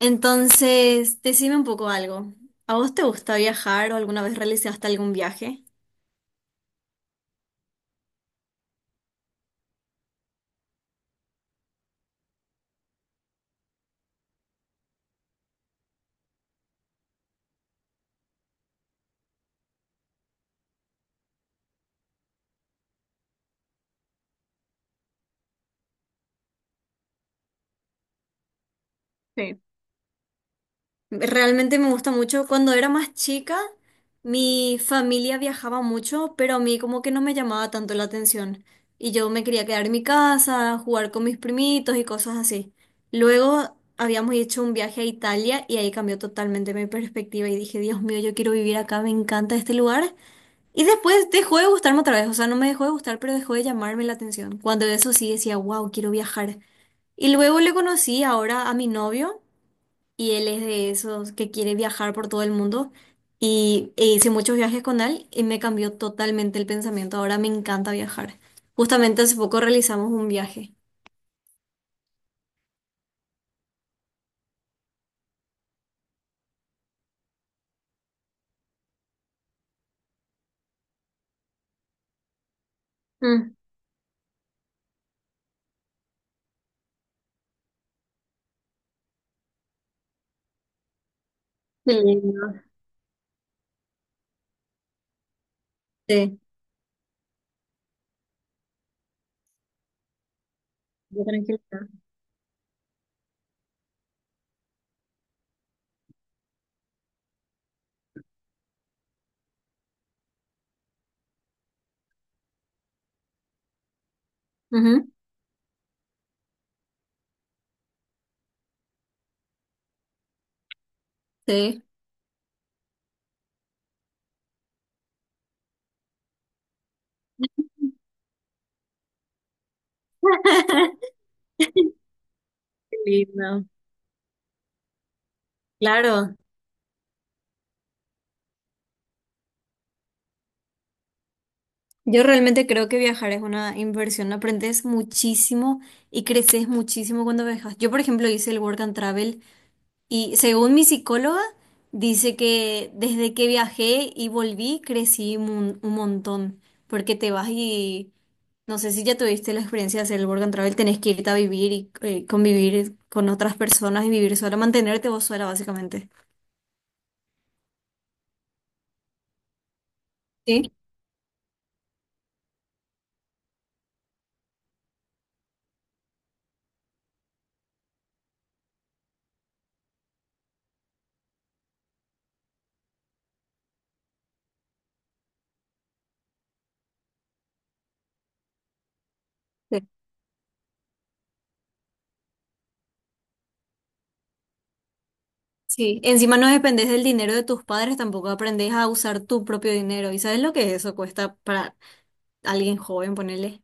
Entonces, decime un poco algo. ¿A vos te gusta viajar o alguna vez realizaste algún viaje? Sí. Realmente me gusta mucho. Cuando era más chica, mi familia viajaba mucho, pero a mí como que no me llamaba tanto la atención. Y yo me quería quedar en mi casa, jugar con mis primitos y cosas así. Luego habíamos hecho un viaje a Italia y ahí cambió totalmente mi perspectiva y dije, Dios mío, yo quiero vivir acá, me encanta este lugar. Y después dejó de gustarme otra vez, o sea, no me dejó de gustar, pero dejó de llamarme la atención. Cuando eso sí decía, wow, quiero viajar. Y luego le conocí ahora a mi novio, y él es de esos que quiere viajar por todo el mundo, y hice muchos viajes con él, y me cambió totalmente el pensamiento. Ahora me encanta viajar. Justamente hace poco realizamos un viaje. Mm, qué lindo. Sí, qué tranquilidad. Ujú. Sí. Qué lindo. Claro. Yo realmente creo que viajar es una inversión, aprendes muchísimo y creces muchísimo cuando viajas. Yo, por ejemplo, hice el Work and Travel y, según mi psicóloga, dice que desde que viajé y volví, crecí un montón, porque te vas y no sé si ya tuviste la experiencia de hacer el Work and Travel. Tenés que irte a vivir y convivir con otras personas y vivir sola, mantenerte vos sola básicamente. Sí. Sí, encima no dependes del dinero de tus padres, tampoco aprendes a usar tu propio dinero. ¿Y sabes lo que eso cuesta para alguien joven, ponerle?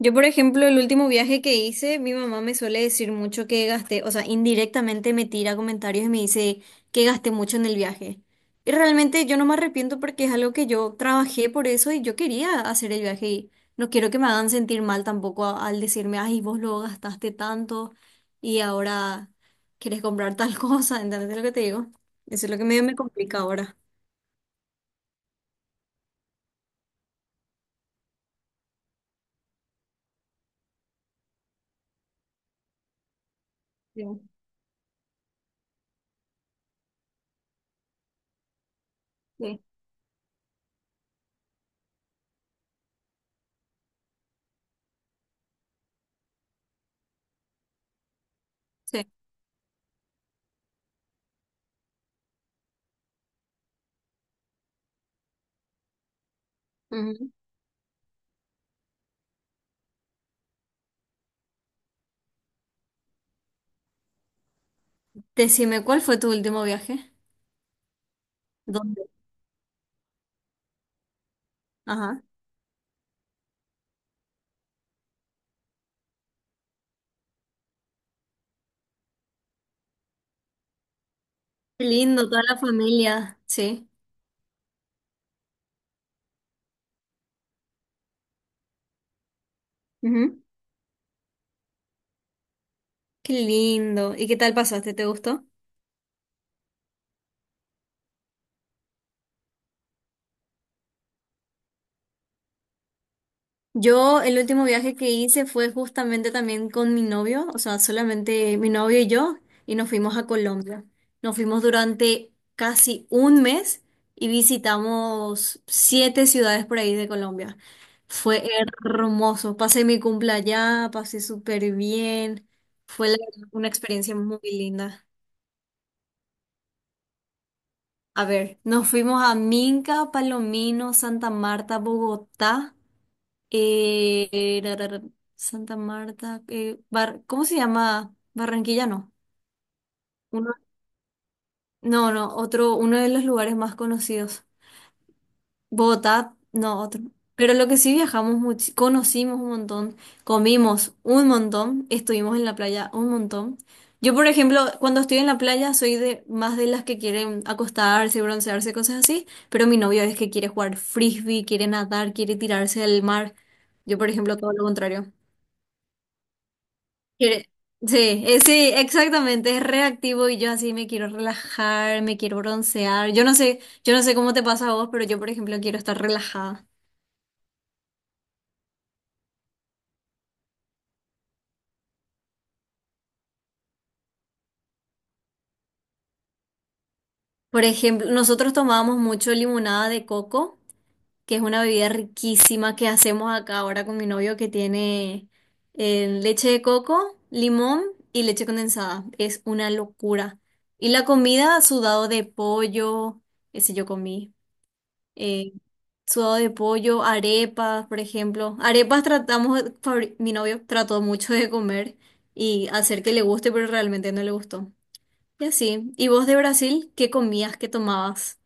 Yo, por ejemplo, el último viaje que hice, mi mamá me suele decir mucho que gasté, o sea, indirectamente me tira comentarios y me dice que gasté mucho en el viaje. Y realmente yo no me arrepiento porque es algo que yo trabajé por eso y yo quería hacer el viaje, y no quiero que me hagan sentir mal tampoco al decirme, ay, vos lo gastaste tanto y ahora quieres comprar tal cosa, ¿entendés lo que te digo? Eso es lo que medio me complica ahora. Sí. Sí. Sí. Ujú. Decime, ¿cuál fue tu último viaje? ¿Dónde? Ajá. Qué lindo, toda la familia, sí. Ujú. Qué lindo. ¿Y qué tal pasaste? ¿Te gustó? Yo, el último viaje que hice fue justamente también con mi novio, o sea, solamente mi novio y yo, y nos fuimos a Colombia. Nos fuimos durante casi un mes y visitamos siete ciudades por ahí de Colombia. Fue hermoso. Pasé mi cumple allá, pasé súper bien. Fue la- una experiencia muy linda. A ver, nos fuimos a Minca, Palomino, Santa Marta, Bogotá, eh, eh, ra, ra, ra, Santa Marta, ¿cómo se llama? Barranquilla, no. Uno- no, no, otro, uno de los lugares más conocidos. Bogotá, no, otro. Pero lo que sí, viajamos mucho, conocimos un montón, comimos un montón, estuvimos en la playa un montón. Yo, por ejemplo, cuando estoy en la playa soy de más de las que quieren acostarse, broncearse, cosas así, pero mi novio es que quiere jugar frisbee, quiere nadar, quiere tirarse al mar. Yo, por ejemplo, todo lo contrario. Quiere- Sí, sí, exactamente, es reactivo y yo así me quiero relajar, me quiero broncear. Yo no sé, cómo te pasa a vos, pero yo, por ejemplo, quiero estar relajada. Por ejemplo, nosotros tomábamos mucho limonada de coco, que es una bebida riquísima que hacemos acá ahora con mi novio, que tiene leche de coco, limón y leche condensada. Es una locura. Y la comida, sudado de pollo, ese yo comí. eh, sudado de pollo, arepas, por ejemplo. Arepas tratamos, mi novio trató mucho de comer y hacer que le guste, pero realmente no le gustó. Y así. ¿Y vos de Brasil, qué comías, qué tomabas?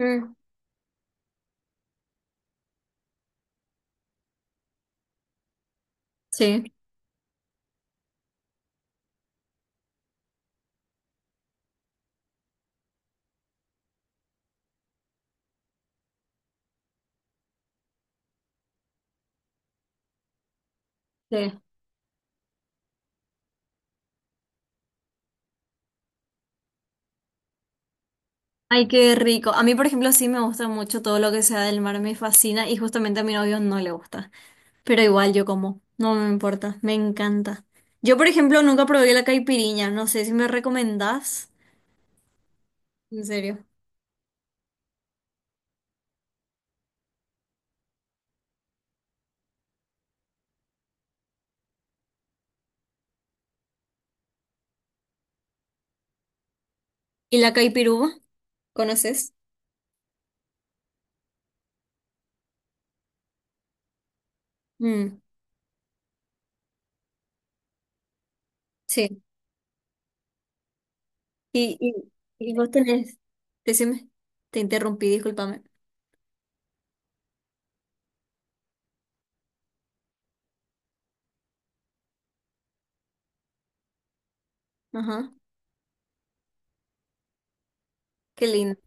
Mm, sí, sí. Ay, qué rico. A mí, por ejemplo, sí me gusta mucho todo lo que sea del mar, me fascina, y justamente a mi novio no le gusta. Pero igual yo como, no me importa, me encanta. Yo, por ejemplo, nunca probé la caipiriña, no sé si me recomendás. En serio. ¿Y la caipiruva? ¿Conoces? Mm, sí. Y, y, y vos tenés, decime, te interrumpí, discúlpame. Ajá, qué lindo.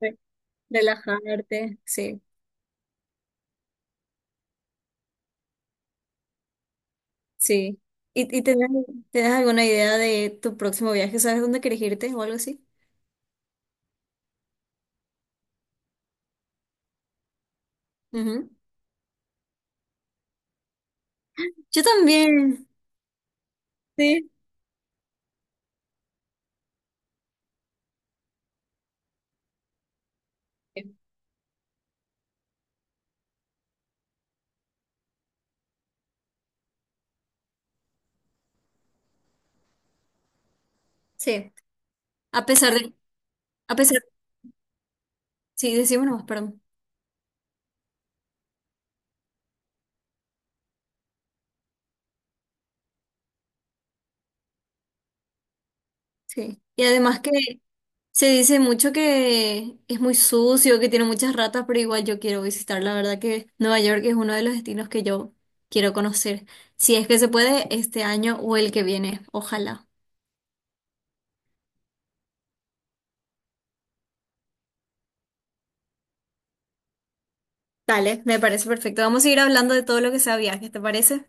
Re- Relajarte, sí. Sí. ¿Y tenés, tenés alguna idea de tu próximo viaje? ¿Sabes dónde querés irte o algo así? Ujú. Yo también. Sí. Sí. A pesar de, a pesar, sí, decimos nomás, perdón. Sí. Y además que se dice mucho que es muy sucio, que tiene muchas ratas, pero igual yo quiero visitar. La verdad que Nueva York es uno de los destinos que yo quiero conocer. Si es que se puede este año o el que viene, ojalá. Dale, me parece perfecto. Vamos a ir hablando de todo lo que sea viajes, ¿te parece?